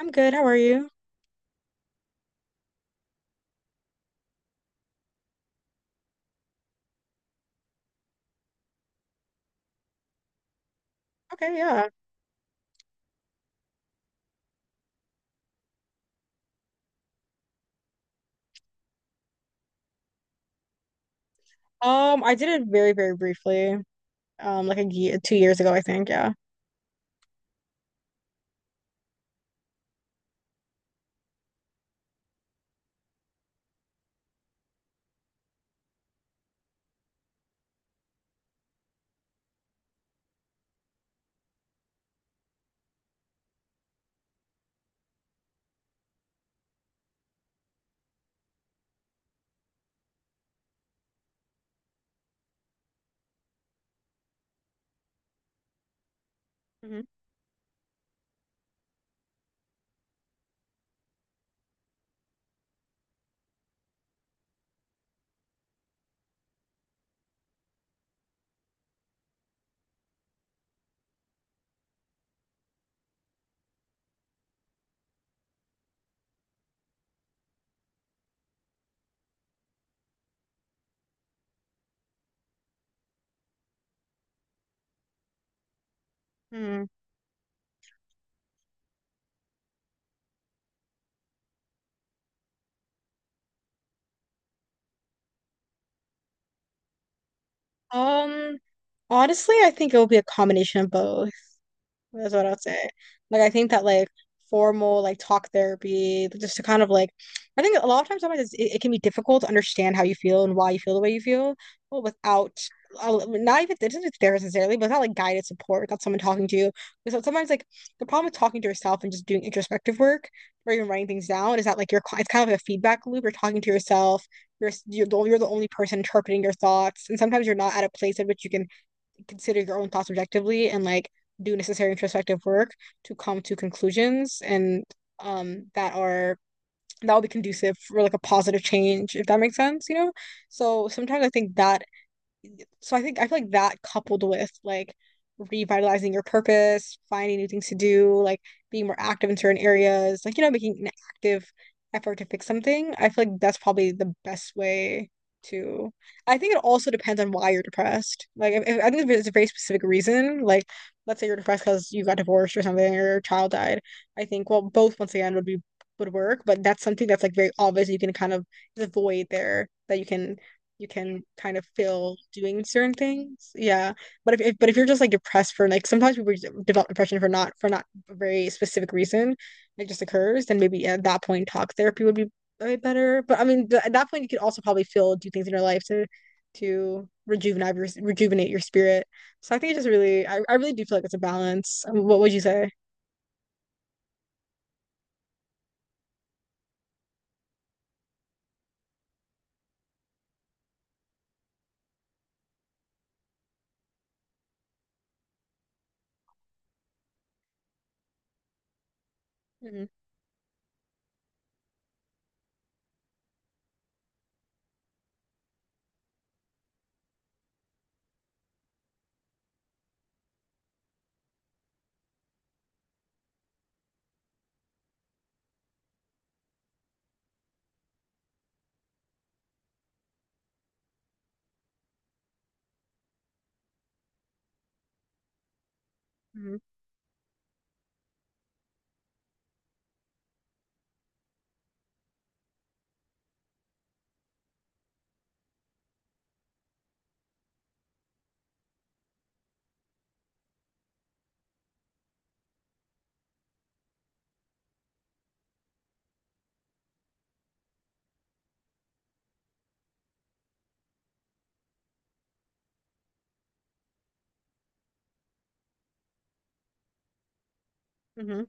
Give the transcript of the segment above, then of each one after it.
I'm good. How are you? Okay, yeah. I did it very, very briefly. Like a year, 2 years ago, I think. Yeah. hmm Um, Honestly, I think it will be a combination of both. That's what I'd say. Like I think that like formal like talk therapy, just to kind of like, I think a lot of times sometimes it can be difficult to understand how you feel and why you feel the way you feel, well, without not even it isn't there necessarily, but not like guided support without someone talking to you. Because so, sometimes like the problem with talking to yourself and just doing introspective work or even writing things down is that like you're it's kind of a feedback loop. You're talking to yourself. You're the, you're the only person interpreting your thoughts, and sometimes you're not at a place at which you can consider your own thoughts objectively and like do necessary introspective work to come to conclusions and that are that will be conducive for like a positive change if that makes sense. So sometimes I think I feel like that coupled with like revitalizing your purpose, finding new things to do, like being more active in certain areas, like you know, making an active effort to fix something, I feel like that's probably the best way to. I think it also depends on why you're depressed. Like I think if it's a very specific reason, like let's say you're depressed because you got divorced or something or your child died, I think well both once again would work, but that's something that's like very obvious you can kind of there's a void there that you can kind of feel doing certain things. Yeah. But if you're just like depressed for like sometimes people just develop depression for not a very specific reason, it just occurs, then maybe yeah, at that point talk therapy would be a bit better. But I mean at that point you could also probably feel do things in your life to rejuvenate your spirit. So I think it just really I really do feel like it's a balance. What would you say? Mm-hmm. Mm-hmm. Mm-hmm.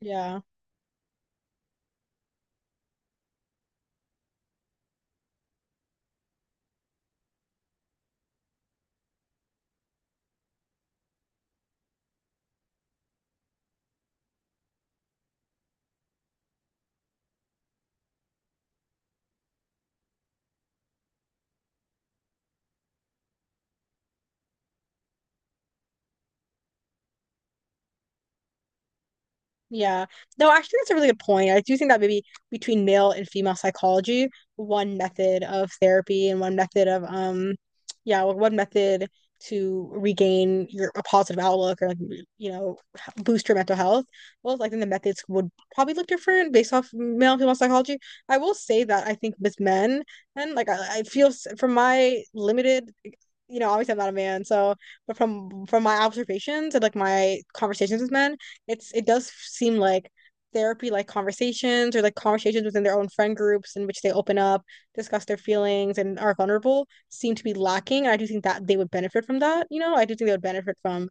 Yeah. Yeah. No, actually, that's a really good point. I do think that maybe between male and female psychology, one method of therapy and one method of yeah, one method to regain your a positive outlook or like you know boost your mental health. Well, I think the methods would probably look different based off male and female psychology. I will say that I think with men and like I feel from my limited you know, obviously I'm not a man, so but from my observations and like my conversations with men, it does seem like therapy like conversations or like conversations within their own friend groups in which they open up, discuss their feelings and are vulnerable seem to be lacking. And I do think that they would benefit from that, you know. I do think they would benefit from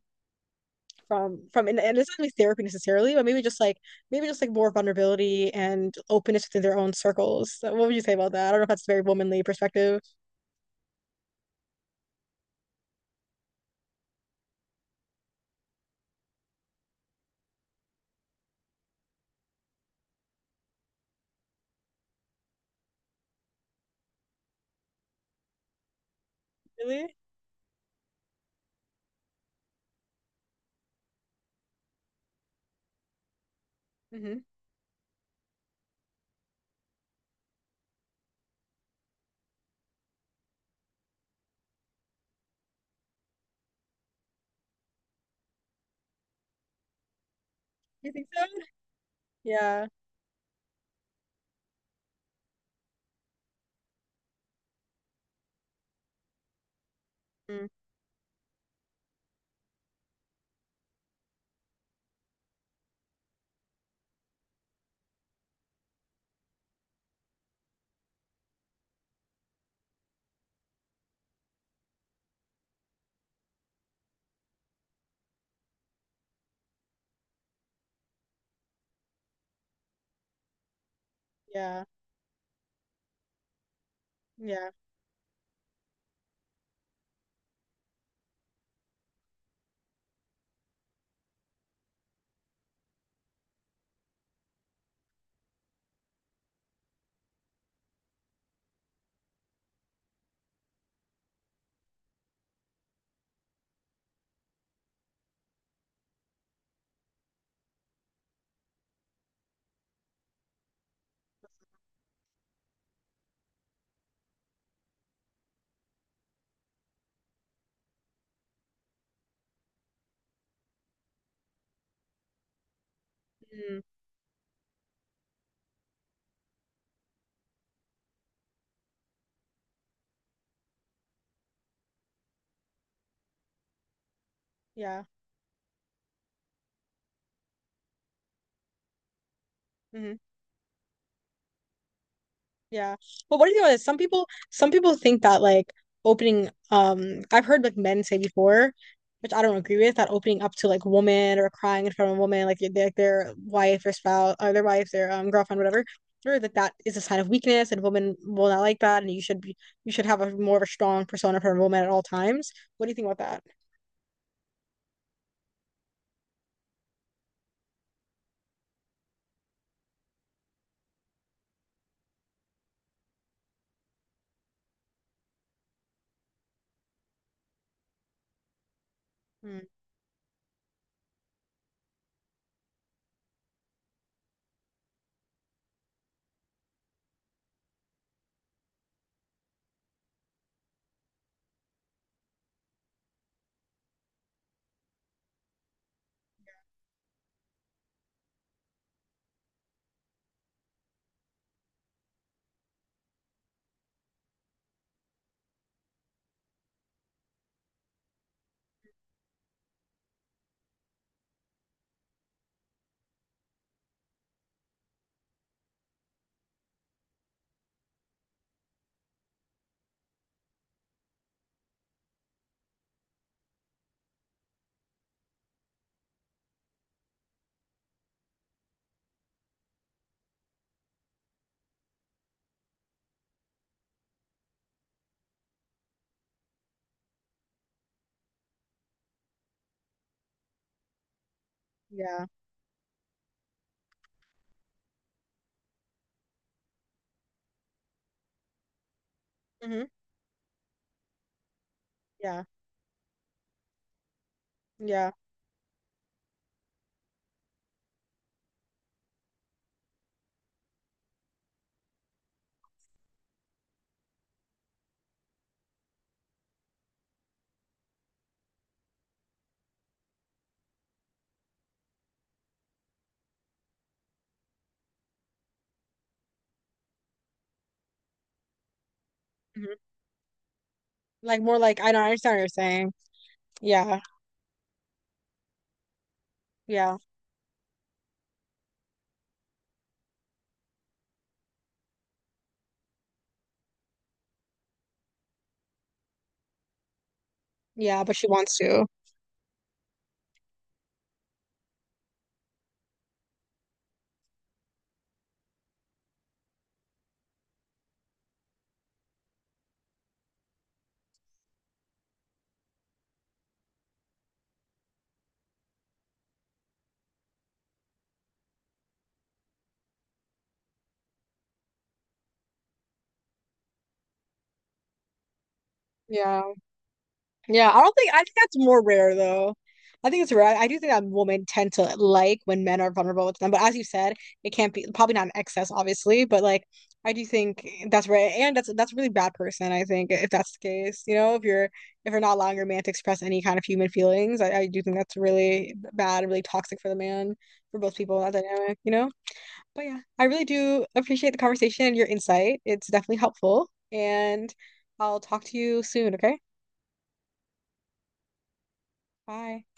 and it's not really therapy necessarily, but maybe just like more vulnerability and openness within their own circles. So what would you say about that? I don't know if that's a very womanly perspective. Really? Mm-hmm. You think so? Yeah. Mm. Yeah. Yeah. Mm. Yeah. Mhm. Yeah. Well, what do you think about this? Some people think that like opening I've heard like men say before, which I don't agree with, that opening up to like a woman or crying in front of a woman, like their wife or spouse or their girlfriend, whatever, or that that is a sign of weakness and women will not like that and you should be you should have a more of a strong persona for a woman at all times. What do you think about that? Mm, yeah. hmm Yeah. Yeah. hmm Like more like I don't I understand what you're saying. Yeah. Yeah. Yeah, but she wants to. Yeah. Yeah, I don't think I think that's more rare though. I think it's rare. I do think that women tend to like when men are vulnerable with them, but as you said, it can't be probably not in excess, obviously, but like I do think that's rare, and that's a really bad person, I think, if that's the case. You know, if you're not allowing your man to express any kind of human feelings, I do think that's really bad and really toxic for the man, for both people, that dynamic, you know? But yeah, I really do appreciate the conversation and your insight. It's definitely helpful, and I'll talk to you soon, okay? Bye.